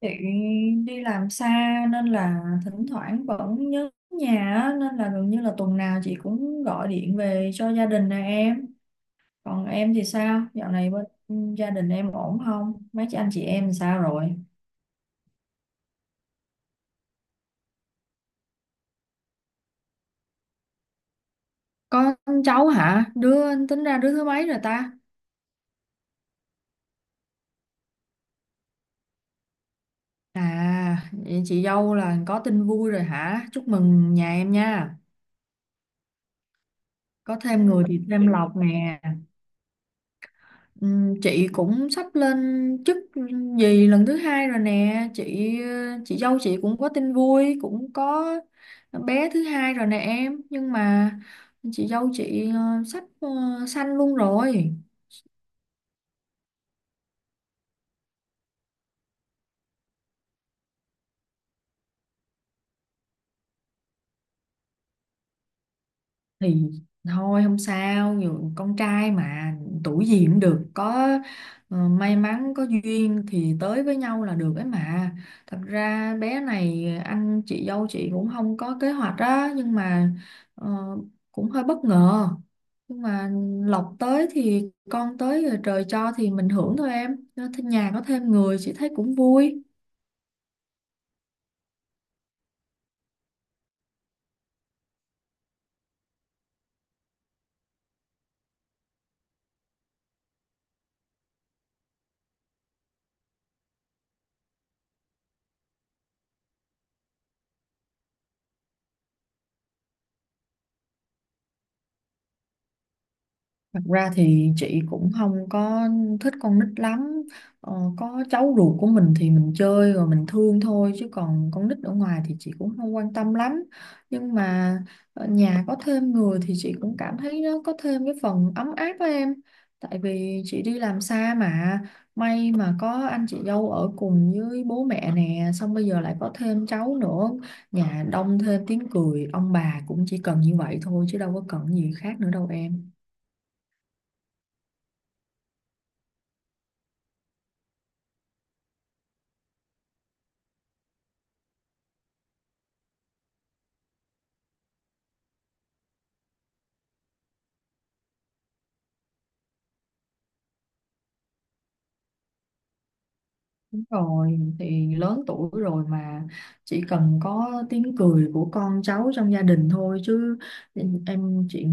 Chị đi làm xa nên là thỉnh thoảng vẫn nhớ nhà á, nên là gần như là tuần nào chị cũng gọi điện về cho gia đình nè em. Còn em thì sao? Dạo này bên gia đình em ổn không? Mấy chị anh chị em sao rồi? Có cháu hả? Đứa tính ra đứa thứ mấy rồi ta? À, vậy chị dâu là có tin vui rồi hả? Chúc mừng nhà em nha. Có thêm người thì thêm lộc nè. Chị cũng sắp lên chức gì lần thứ hai rồi nè chị dâu chị cũng có tin vui, cũng có bé thứ hai rồi nè em, nhưng mà chị dâu chị sắp sanh luôn rồi, thì thôi không sao, dù con trai mà tuổi gì cũng được, có may mắn có duyên thì tới với nhau là được ấy mà. Thật ra bé này anh chị dâu chị cũng không có kế hoạch á, nhưng mà ờ, cũng hơi bất ngờ, nhưng mà lộc tới thì con tới, rồi trời cho thì mình hưởng thôi em. Nên nhà có thêm người chị thấy cũng vui. Thật ra thì chị cũng không có thích con nít lắm. Có cháu ruột của mình thì mình chơi rồi mình thương thôi, chứ còn con nít ở ngoài thì chị cũng không quan tâm lắm. Nhưng mà ở nhà có thêm người thì chị cũng cảm thấy nó có thêm cái phần ấm áp với em. Tại vì chị đi làm xa mà, may mà có anh chị dâu ở cùng với bố mẹ nè, xong bây giờ lại có thêm cháu nữa, nhà đông thêm tiếng cười, ông bà cũng chỉ cần như vậy thôi chứ đâu có cần gì khác nữa đâu em. Đúng rồi, thì lớn tuổi rồi mà chỉ cần có tiếng cười của con cháu trong gia đình thôi chứ em. Chị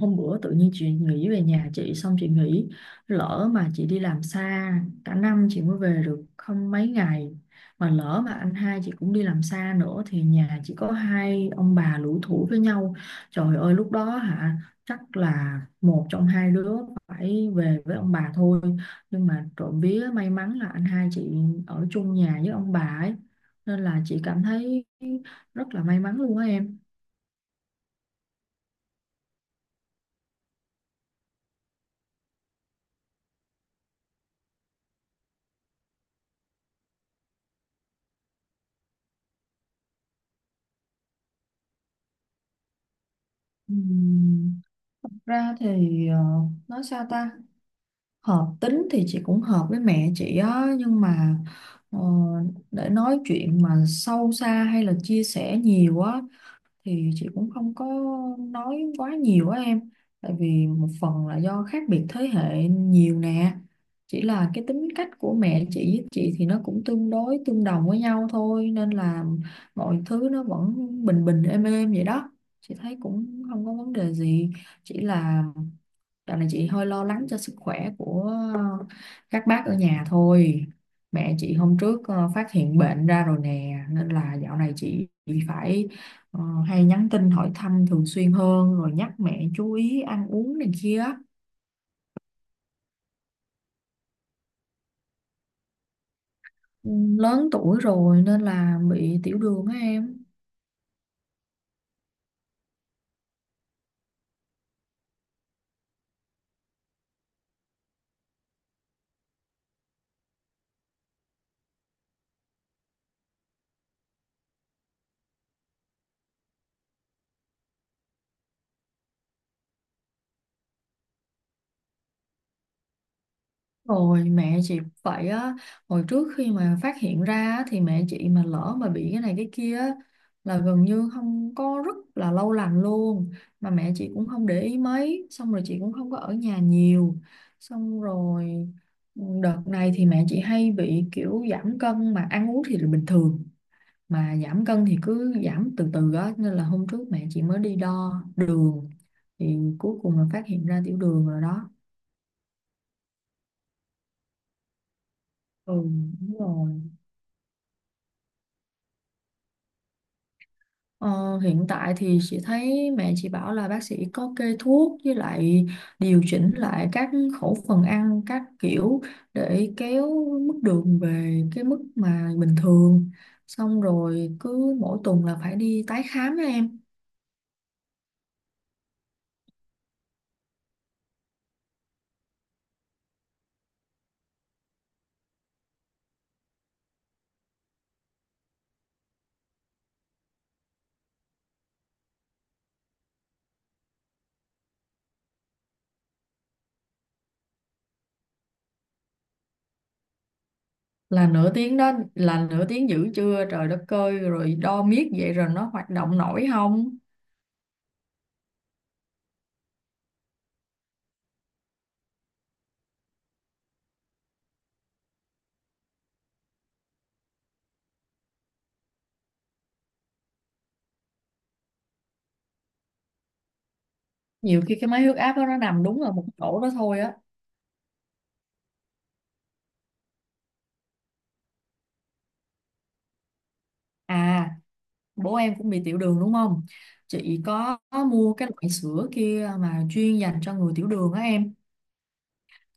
hôm bữa tự nhiên chị nghĩ về nhà chị, xong chị nghĩ lỡ mà chị đi làm xa cả năm chị mới về được không mấy ngày, mà lỡ mà anh hai chị cũng đi làm xa nữa thì nhà chỉ có hai ông bà lủi thủi với nhau, trời ơi lúc đó hả, chắc là một trong hai đứa phải về với ông bà thôi. Nhưng mà trộm vía may mắn là anh hai chị ở chung nhà với ông bà ấy, nên là chị cảm thấy rất là may mắn luôn á em. Ừm, Thật ra thì, ờ, nói sao ta, hợp tính thì chị cũng hợp với mẹ chị á, nhưng mà ờ, để nói chuyện mà sâu xa hay là chia sẻ nhiều á thì chị cũng không có nói quá nhiều á em. Tại vì một phần là do khác biệt thế hệ nhiều nè, chỉ là cái tính cách của mẹ chị với chị thì nó cũng tương đối tương đồng với nhau thôi, nên là mọi thứ nó vẫn bình bình êm êm vậy đó, chị thấy cũng không có vấn đề gì. Chỉ là dạo này chị hơi lo lắng cho sức khỏe của các bác ở nhà thôi. Mẹ chị hôm trước phát hiện bệnh ra rồi nè, nên là dạo này chị phải ờ, hay nhắn tin hỏi thăm thường xuyên hơn, rồi nhắc mẹ chú ý ăn uống này kia. Ừ, lớn tuổi rồi nên là bị tiểu đường á em. Rồi mẹ chị cũng vậy á. Hồi trước khi mà phát hiện ra á, thì mẹ chị mà lỡ mà bị cái này cái kia á, là gần như không có, rất là lâu lành luôn. Mà mẹ chị cũng không để ý mấy, xong rồi chị cũng không có ở nhà nhiều. Xong rồi, đợt này thì mẹ chị hay bị kiểu giảm cân, mà ăn uống thì là bình thường, mà giảm cân thì cứ giảm từ từ á, nên là hôm trước mẹ chị mới đi đo đường, thì cuối cùng là phát hiện ra tiểu đường rồi đó. Ừ, đúng rồi. Ờ, hiện tại thì chị thấy mẹ chị bảo là bác sĩ có kê thuốc, với lại điều chỉnh lại các khẩu phần ăn các kiểu để kéo mức đường về cái mức mà bình thường. Xong rồi cứ mỗi tuần là phải đi tái khám á em. Là nửa tiếng đó là nửa tiếng, dữ chưa, trời đất ơi, rồi đo miết vậy rồi nó hoạt động nổi không? Nhiều khi cái máy huyết áp đó nó nằm đúng ở một chỗ đó thôi á. À, bố em cũng bị tiểu đường đúng không? Chị có mua cái loại sữa kia mà chuyên dành cho người tiểu đường á em,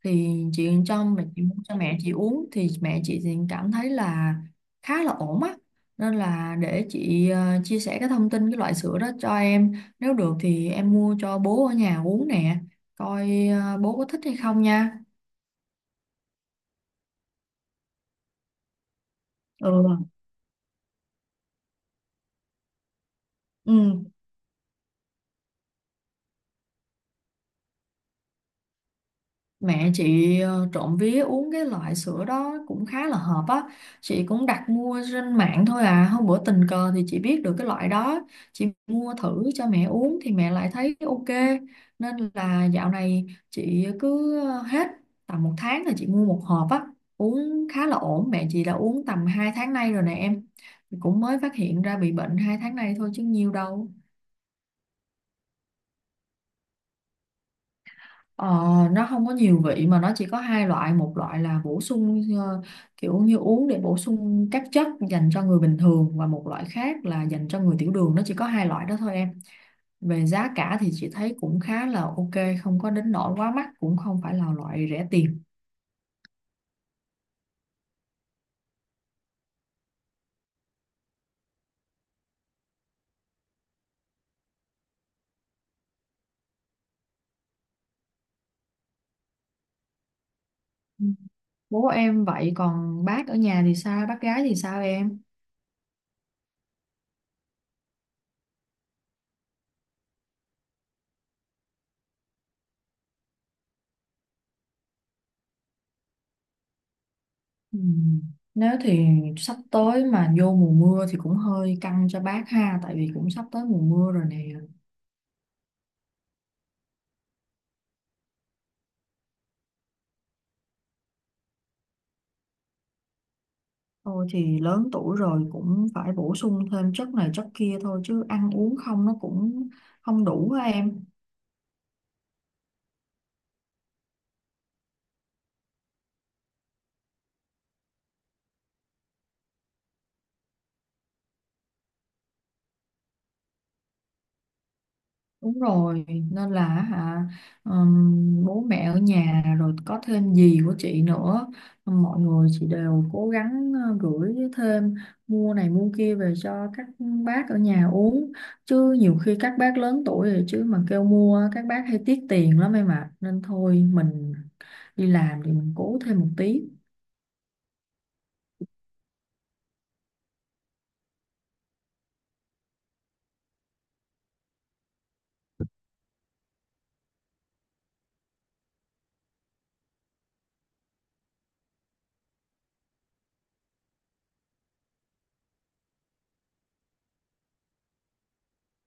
thì chị cho mẹ chị mua, cho mẹ chị uống, thì mẹ chị thì cảm thấy là khá là ổn á. Nên là để chị chia sẻ cái thông tin cái loại sữa đó cho em, nếu được thì em mua cho bố ở nhà uống nè, coi bố có thích hay không nha. Ừ, ừ. Mẹ chị trộm vía uống cái loại sữa đó cũng khá là hợp á. Chị cũng đặt mua trên mạng thôi à. Hôm bữa tình cờ thì chị biết được cái loại đó. Chị mua thử cho mẹ uống thì mẹ lại thấy ok. Nên là dạo này chị cứ hết tầm một tháng là chị mua một hộp á. Uống khá là ổn. Mẹ chị đã uống tầm 2 tháng nay rồi nè em. Cũng mới phát hiện ra bị bệnh 2 tháng nay thôi chứ nhiều đâu. Ờ, nó không có nhiều vị, mà nó chỉ có hai loại, một loại là bổ sung kiểu như uống để bổ sung các chất dành cho người bình thường, và một loại khác là dành cho người tiểu đường, nó chỉ có hai loại đó thôi em. Về giá cả thì chị thấy cũng khá là ok, không có đến nỗi quá mắc, cũng không phải là loại rẻ tiền. Ừ. Bố em vậy còn bác ở nhà thì sao, bác gái thì sao em? Ừ. Nếu thì sắp tới mà vô mùa mưa thì cũng hơi căng cho bác ha, tại vì cũng sắp tới mùa mưa rồi nè. Thôi thì lớn tuổi rồi cũng phải bổ sung thêm chất này chất kia thôi, chứ ăn uống không nó cũng không đủ á em. Đúng rồi, nên là hả, bố mẹ ở nhà rồi có thêm dì của chị nữa, mọi người chị đều cố gắng gửi thêm, mua này mua kia về cho các bác ở nhà uống. Chứ nhiều khi các bác lớn tuổi rồi, chứ mà kêu mua các bác hay tiếc tiền lắm em ạ. Nên thôi mình đi làm thì mình cố thêm một tí.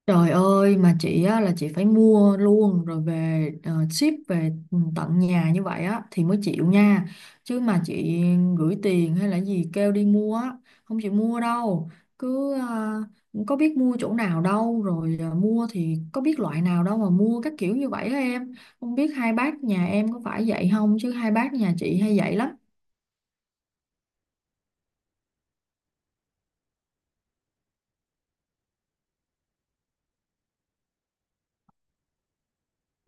Trời ơi mà chị á, là chị phải mua luôn rồi về ship về tận nhà như vậy á thì mới chịu nha. Chứ mà chị gửi tiền hay là gì kêu đi mua á, không chịu mua đâu. Cứ có biết mua chỗ nào đâu, rồi mua thì có biết loại nào đâu mà mua các kiểu như vậy á em. Không biết hai bác nhà em có phải vậy không, chứ hai bác nhà chị hay vậy lắm.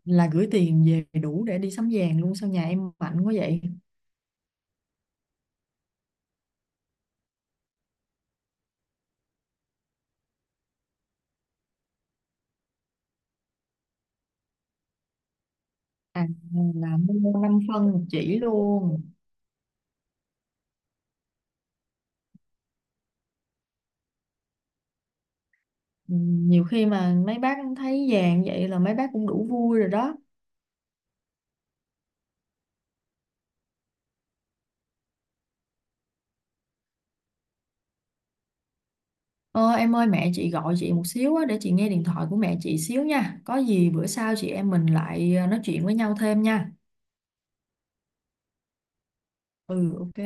Là gửi tiền về đủ để đi sắm vàng luôn sao, nhà em mạnh quá vậy? À, là mua 5 phân một chỉ luôn. Ừ, nhiều khi mà mấy bác thấy vàng vậy là mấy bác cũng đủ vui rồi đó. Ờ, em ơi, mẹ chị gọi chị một xíu á, để chị nghe điện thoại của mẹ chị xíu nha, có gì bữa sau chị em mình lại nói chuyện với nhau thêm nha. Ừ, ok.